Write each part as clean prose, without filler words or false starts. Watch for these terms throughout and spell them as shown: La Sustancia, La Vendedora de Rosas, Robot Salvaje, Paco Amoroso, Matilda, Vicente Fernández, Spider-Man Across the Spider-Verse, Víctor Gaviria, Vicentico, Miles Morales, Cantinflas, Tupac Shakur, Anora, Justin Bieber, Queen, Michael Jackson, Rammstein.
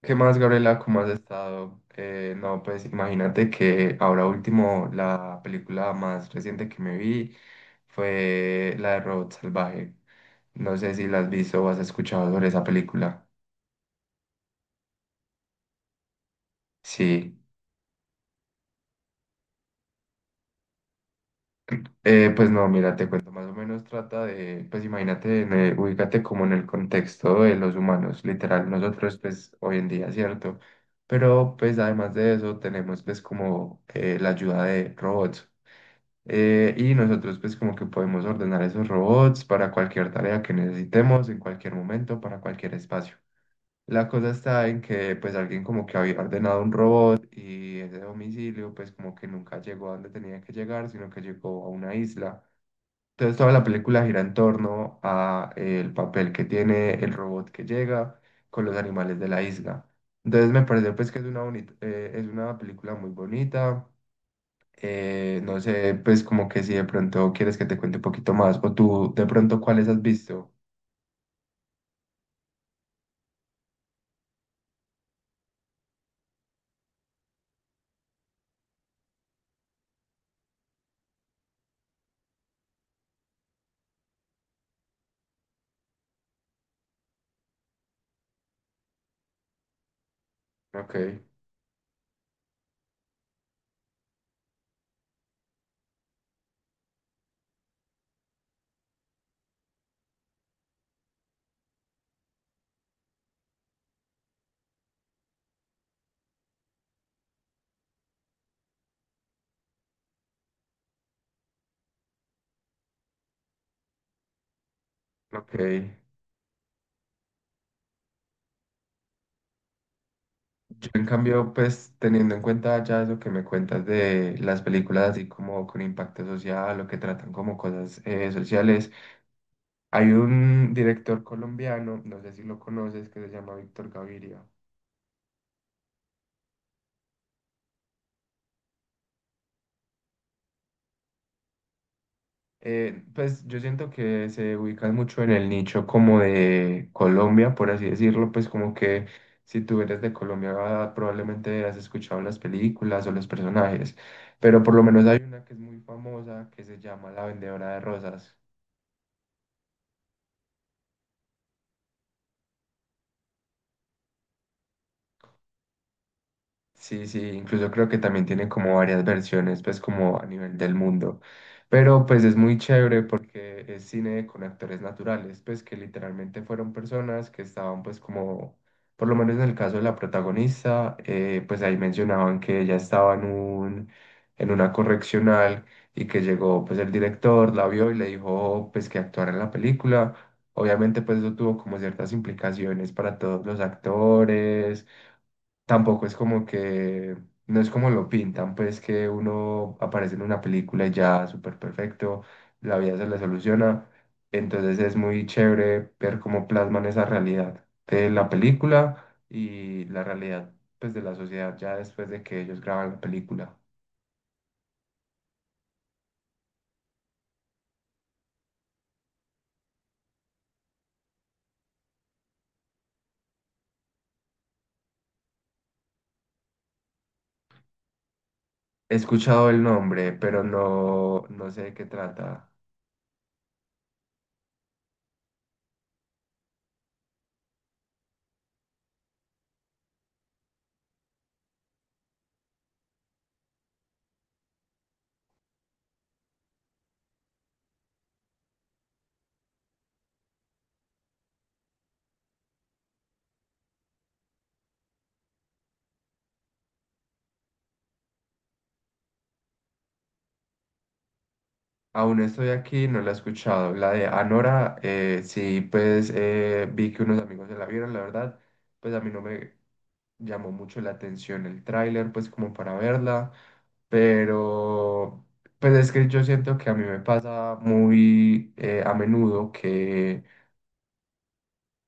¿Qué más, Gabriela? ¿Cómo has estado? No, pues imagínate que ahora último la película más reciente que me vi fue la de Robot Salvaje. No sé si la has visto o has escuchado sobre esa película. Sí. Pues no, mira, te cuento más o menos trata de, pues imagínate, ubícate como en el contexto de los humanos, literal, nosotros pues hoy en día, ¿cierto? Pero pues además de eso tenemos pues como la ayuda de robots. Y nosotros pues como que podemos ordenar esos robots para cualquier tarea que necesitemos, en cualquier momento, para cualquier espacio. La cosa está en que pues alguien como que había ordenado un robot y ese domicilio pues como que nunca llegó a donde tenía que llegar, sino que llegó a una isla. Entonces toda la película gira en torno a el papel que tiene el robot que llega con los animales de la isla. Entonces me pareció pues que es una bonita, es una película muy bonita. No sé, pues como que si de pronto quieres que te cuente un poquito más, o tú de pronto cuáles has visto. Ok, ok. Yo en cambio, pues teniendo en cuenta ya eso que me cuentas de las películas así como con impacto social o que tratan como cosas sociales, hay un director colombiano, no sé si lo conoces, que se llama Víctor Gaviria. Pues yo siento que se ubican mucho en el nicho como de Colombia, por así decirlo, pues como que si tú eres de Colombia ah, probablemente has escuchado las películas o los personajes, pero por lo menos hay una que es muy famosa que se llama La Vendedora de Rosas. Sí, sí, incluso creo que también tiene como varias versiones, pues como a nivel del mundo. Pero pues es muy chévere porque es cine con actores naturales, pues que literalmente fueron personas que estaban pues como, por lo menos en el caso de la protagonista, pues ahí mencionaban que ella estaba en un, en una correccional y que llegó pues el director, la vio y le dijo pues que actuara en la película. Obviamente pues eso tuvo como ciertas implicaciones para todos los actores, tampoco es como que, no es como lo pintan, pues que uno aparece en una película y ya súper perfecto, la vida se le soluciona. Entonces es muy chévere ver cómo plasman esa realidad de la película y la realidad pues de la sociedad ya después de que ellos graban la película. He escuchado el nombre, pero no, no sé de qué trata. Aún estoy aquí, no la he escuchado. La de Anora, sí, pues vi que unos amigos se la vieron, la verdad, pues a mí no me llamó mucho la atención el tráiler, pues como para verla, pero pues es que yo siento que a mí me pasa muy a menudo,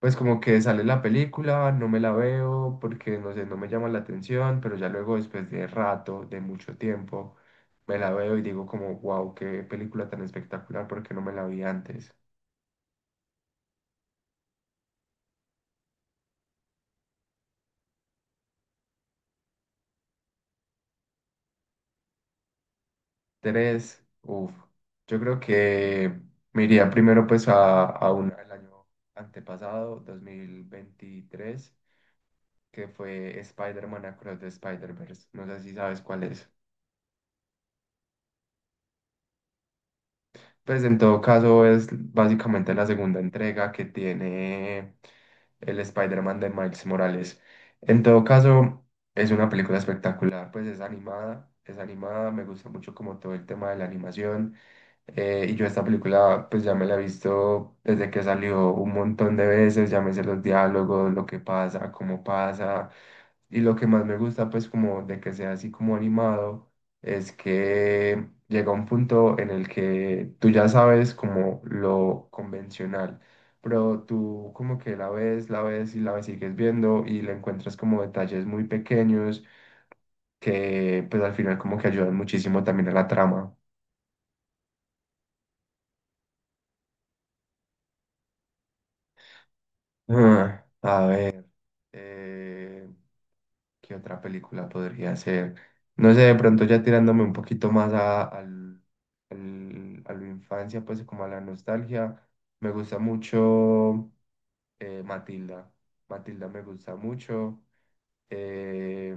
pues como que sale la película, no me la veo porque no sé, no me llama la atención, pero ya luego después de rato, de mucho tiempo, me la veo y digo como, wow, qué película tan espectacular porque no me la vi antes. Tres, uff, yo creo que me iría primero pues a una del año antepasado, 2023, que fue Spider-Man Across the Spider-Verse. No sé si sabes cuál es. Pues en todo caso es básicamente la segunda entrega que tiene el Spider-Man de Miles Morales. En todo caso es una película espectacular, pues es animada, me gusta mucho como todo el tema de la animación. Y yo esta película pues ya me la he visto desde que salió un montón de veces, ya me sé los diálogos, lo que pasa, cómo pasa. Y lo que más me gusta, pues, como de que sea así como animado, es que llega un punto en el que tú ya sabes como lo convencional, pero tú como que la ves y la ves, sigues viendo y le encuentras como detalles muy pequeños que, pues, al final como que ayudan muchísimo también a la trama. Ah, a ver. eh, ¿Qué otra película podría ser? No sé, de pronto ya tirándome un poquito más a, a la infancia, pues como a la nostalgia, me gusta mucho Matilda. Matilda me gusta mucho. Eh,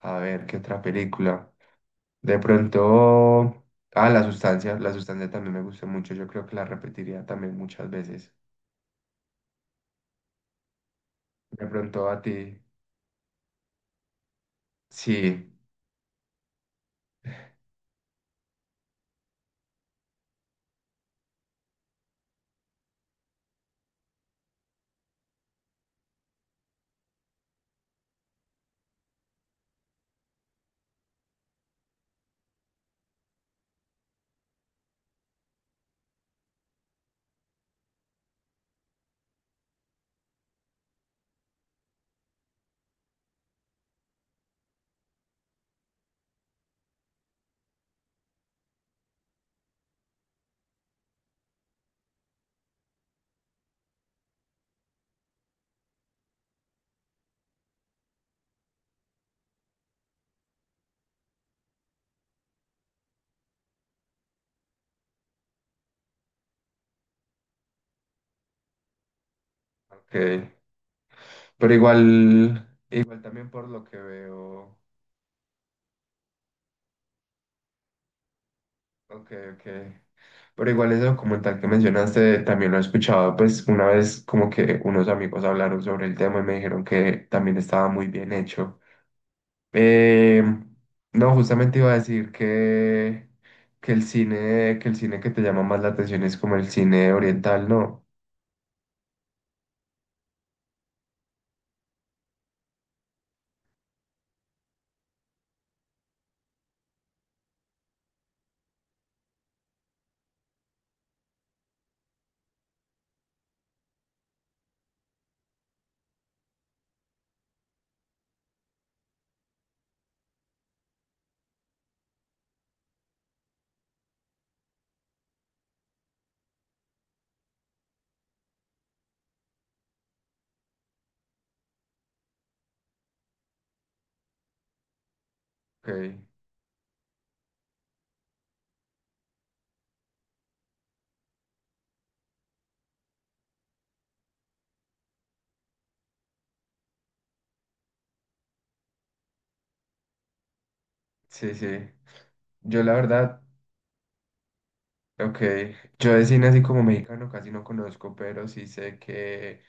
a ver, ¿qué otra película? De pronto, ah, La Sustancia. La Sustancia también me gusta mucho. Yo creo que la repetiría también muchas veces. De pronto a ti, sí, ok. Pero igual, igual también por lo que veo. Ok, ok. Pero igual ese documental que mencionaste también lo he escuchado, pues una vez como que unos amigos hablaron sobre el tema y me dijeron que también estaba muy bien hecho. Eh, no, justamente iba a decir que el cine, que el cine que te llama más la atención es como el cine oriental, ¿no? Ok, sí, sí. Yo la verdad, ok, yo de cine así como mexicano casi no conozco, pero sí sé que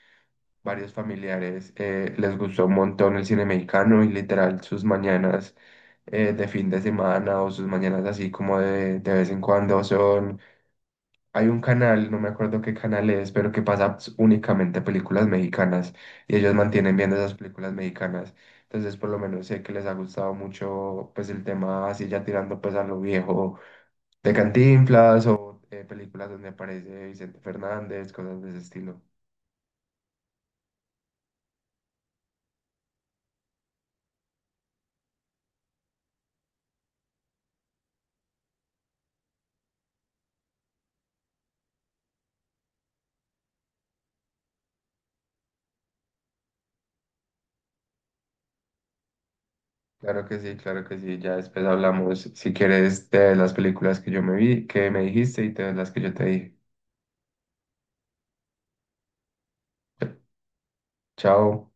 varios familiares les gustó un montón el cine mexicano y literal sus mañanas de fin de semana o sus mañanas así como de vez en cuando son... Hay un canal, no me acuerdo qué canal es, pero que pasa únicamente películas mexicanas y ellos mantienen viendo esas películas mexicanas. Entonces por lo menos sé que les ha gustado mucho pues el tema así ya tirando pues a lo viejo de Cantinflas o películas donde aparece Vicente Fernández, cosas de ese estilo. Claro que sí, claro que sí. Ya después hablamos, si quieres, de las películas que yo me vi, que me dijiste y de las que yo te dije. Chao.